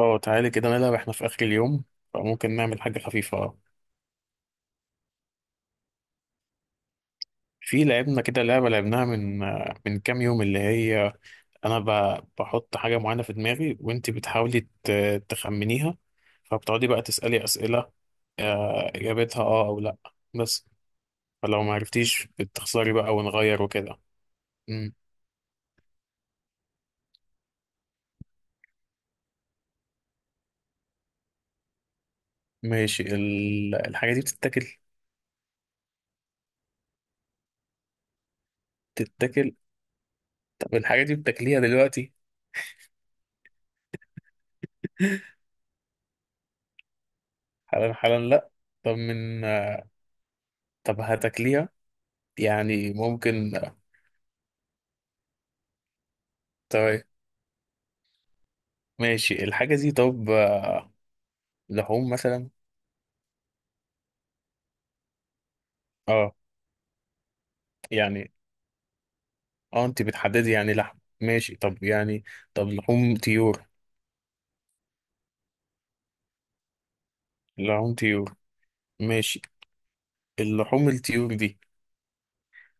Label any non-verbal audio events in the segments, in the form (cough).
اه، تعالي كده نلعب احنا في اخر اليوم. فممكن نعمل حاجه خفيفه. في لعبنا كده لعبه لعبناها من كام يوم، اللي هي انا بحط حاجه معينه في دماغي، وانت بتحاولي تخمنيها. فبتقعدي بقى تسالي اسئله، اجابتها اه او لا بس. فلو ما عرفتيش بتخسري بقى، ونغير وكده. مم. ماشي، الحاجه دي بتتاكل؟ بتتاكل. طب الحاجه دي بتاكليها دلوقتي؟ (laughs) حالا حالا لا. طب من طب هتاكليها؟ يعني ممكن؟ طيب، ماشي، الحاجة دي طب لحوم مثلا؟ اه. يعني اه انت بتحددي يعني لحم، ماشي، طب يعني طب لحوم طيور؟ لحوم طيور، ماشي. اللحوم الطيور دي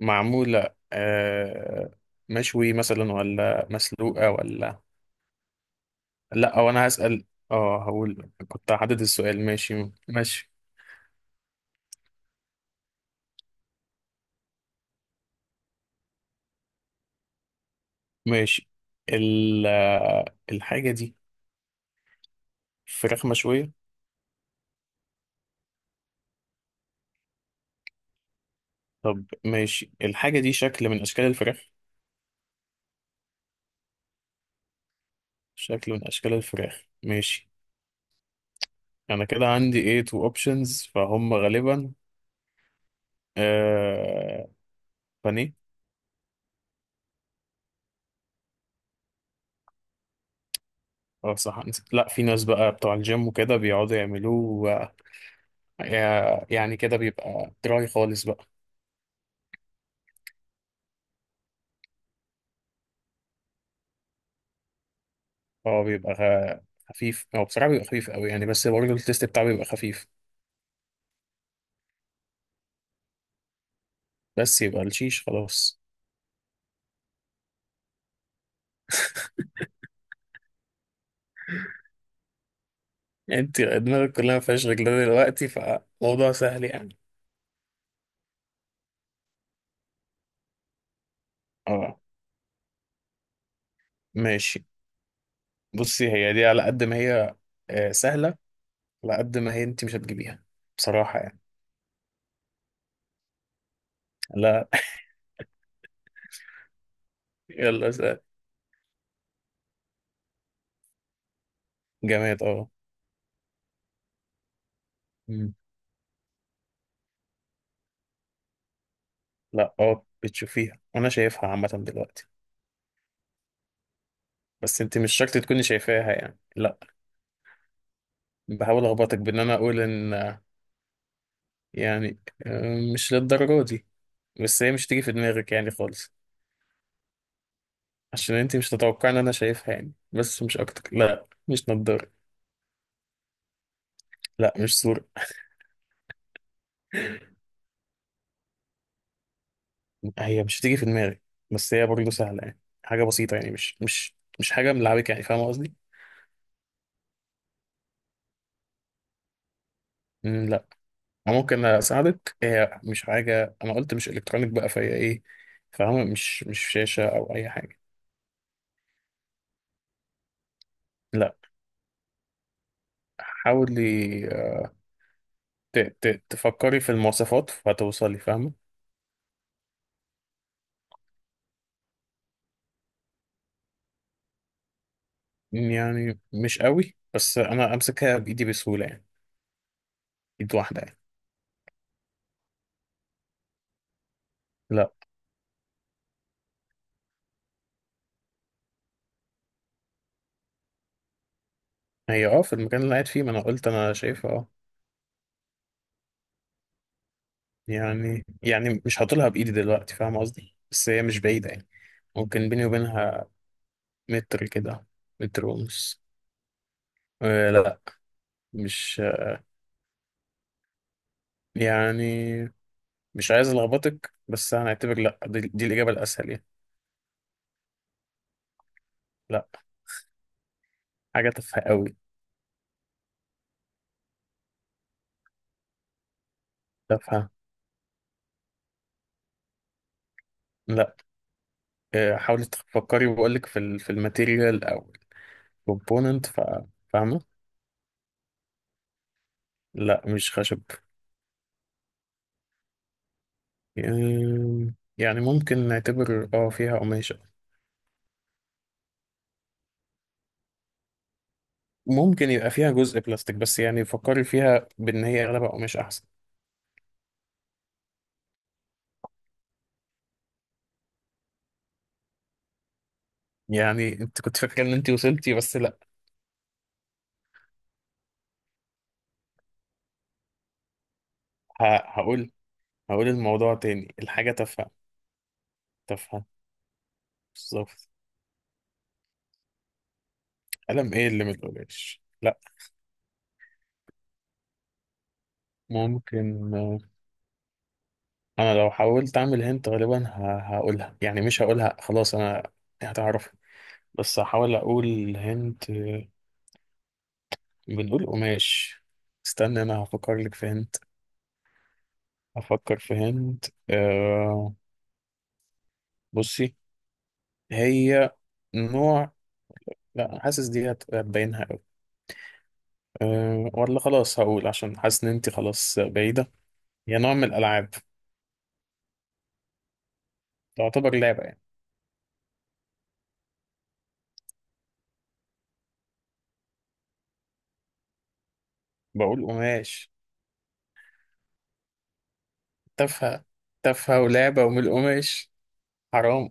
معمولة مشوي مثلا ولا مسلوقة ولا؟ لا وانا هسأل. اه هقول كنت هحدد السؤال، ماشي ماشي. ماشي، ال... آه، الحاجة دي فراخ مشوية؟ طب ماشي، الحاجة دي شكل من أشكال الفراخ؟ شكل من أشكال الفراخ، ماشي. أنا كده عندي إيه تو أوبشنز فهم غالبا. آه بانيه. أه صح، نسيت. لا في ناس بقى بتوع الجيم وكده بيقعدوا يعملوه. يعني كده بيبقى دراي خالص بقى. هو بيبقى خفيف، هو بصراحة بيبقى خفيف قوي يعني، بس برضه التيست بتاعه بيبقى خفيف. بس يبقى الشيش خلاص. (laughs) انت دماغك كلها ما فيهاش غير ده دلوقتي فموضوع سهل يعني. اه ماشي. بصي هي دي على قد ما هي سهلة، على قد ما هي انت مش هتجيبيها بصراحة يعني. لا. (laughs) يلا سهل. جماد اه. مم. لا اه بتشوفيها، انا شايفها عامة دلوقتي. بس انت مش شرط تكوني شايفاها يعني، لا. بحاول اخبطك بان انا اقول ان يعني مش للدرجة دي، بس هي مش تيجي في دماغك يعني خالص. عشان انت مش تتوقع ان انا شايفها يعني، بس مش اكتر، لا مش نضارة. لا مش صورة. هي مش هتيجي في دماغي، بس هي برضه سهلة يعني، حاجة بسيطة يعني، مش حاجة ملعبكة يعني، فاهم قصدي؟ مم، لا. أنا ممكن أساعدك، هي مش حاجة، أنا قلت مش إلكترونيك بقى فهي إيه. فاهمة مش شاشة أو أي حاجة، لا. حاولي تفكري في المواصفات فهتوصلي، فاهمة؟ مم، يعني مش قوي، بس أنا أمسكها بإيدي بسهولة يعني، إيد واحدة يعني. لا. هي أه في المكان اللي قاعد فيه، ما أنا قلت أنا شايفها أه. يعني مش هطولها بإيدي دلوقتي، فاهم قصدي، بس هي مش بعيدة يعني، ممكن بيني وبينها متر كده، متر ونص. آه لا مش يعني. مش عايز ألخبطك بس هنعتبر لا، دي الإجابة الأسهل يعني. لا. حاجة تافهة قوي. تافهة. لا. آه حاولي تفكري، وبقولك في في الماتيريال أو الكومبوننت، فاهمة؟ لا مش خشب. آم، يعني ممكن نعتبر اه فيها قماش. ممكن يبقى فيها جزء بلاستيك، بس يعني فكري فيها بان هي اغلبها قماش احسن. يعني انت كنت فاكره ان انت وصلتي، بس لا. هقول، هقول الموضوع تاني، الحاجه تافهه. تافهه بالظبط. قلم ايه اللي من القماش، لا. ممكن انا لو حاولت اعمل هنت غالبا هقولها يعني، مش هقولها، خلاص انا هتعرف. بس هحاول اقول هنت بنقول قماش. استنى انا هفكر لك في هنت. هفكر في هنت. أه. بصي، هي نوع، لا حاسس دي هتبينها قوي. أه ولا خلاص، هقول عشان حاسس ان انت خلاص بعيدة. هي نوع من الالعاب. تعتبر لعبة يعني. بقول قماش. تافهة. تافهة ولعبة ومن القماش. حرام.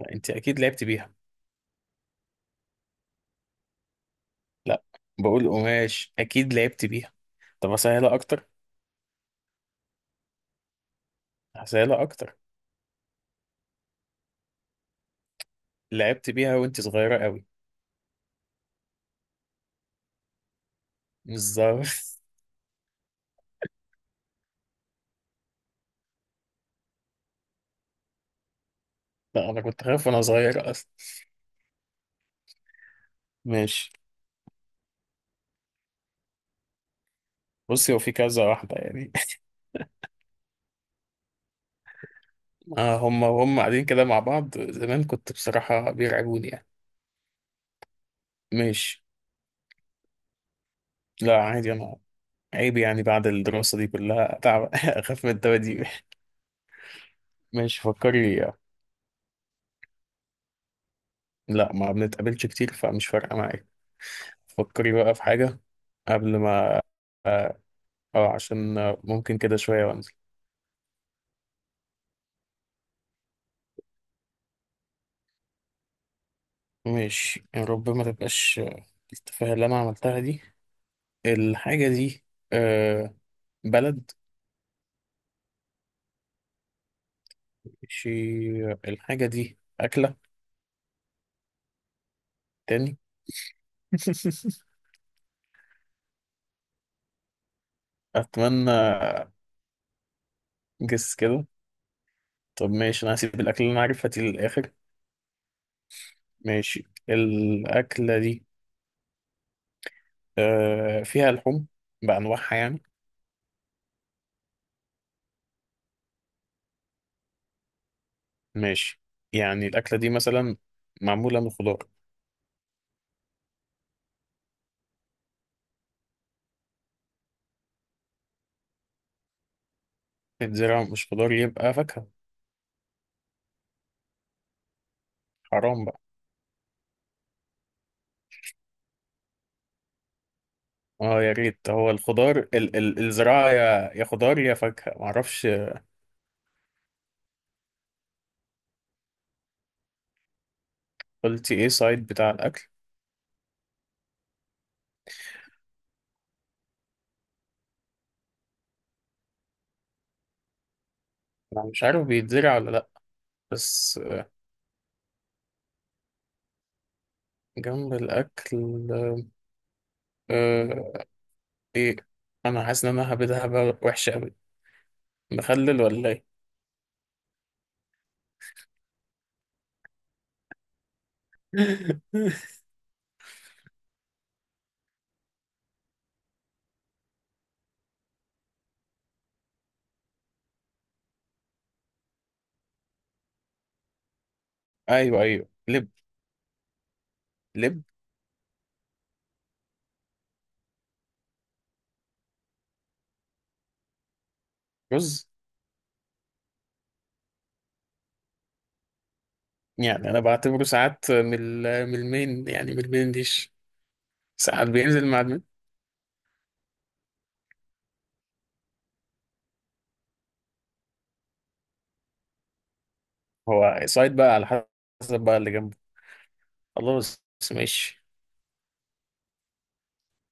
لا انت اكيد لعبت بيها. لا بقول قماش اكيد لعبت بيها. طب اسهلها اكتر. اسهلها اكتر. لعبت بيها وانت صغيرة قوي. بالظبط. (laughs) لا انا كنت خايف وانا صغير اصلا. ماشي، بصي هو في كذا واحدة يعني. آه هم وهم قاعدين كده مع بعض، زمان كنت بصراحة بيرعبوني يعني. ماشي. لا عادي أنا. عيب يعني بعد الدراسة دي كلها تعب (laughs) أخاف من الدواديب (laughs) ماشي فكري. لا ما بنتقابلش كتير فمش فارقة معايا. فكري بقى في حاجة قبل ما. اه عشان ممكن كده شوية وانزل. ماشي يا رب ما تبقاش التفاهة اللي أنا عملتها دي. الحاجة دي آه بلد؟ ماشي، الحاجة دي أكلة تاني؟ (laughs) اتمنى. جس كده. طب ماشي، انا هسيب الاكل اللي انا عارفها دي للاخر. ماشي الاكله دي آه فيها لحوم بانواعها يعني؟ ماشي. يعني الاكله دي مثلا معموله من خضار؟ الزراعه مش خضار يبقى فاكهه. حرام بقى. اه يا ريت، هو الخضار ال الزراعه يا خضار يا فاكهه معرفش. قلتي ايه سايد بتاع الاكل؟ انا مش عارف بيتزرع ولا لا، بس جنب الاكل آه، ايه، انا حاسس ان انا هبدها بقى وحشه قوي. مخلل ولا ايه؟ (laughs) ايوه ايوه لب. لب. رز. يعني انا بعتبره ساعات من من المين، يعني من المين ديش. ساعات بينزل مع المين. هو سايد بقى على حسب بقى اللي جنبه. خلاص، ماشي،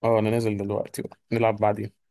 اه انا نازل دلوقتي بقى نلعب بعدين.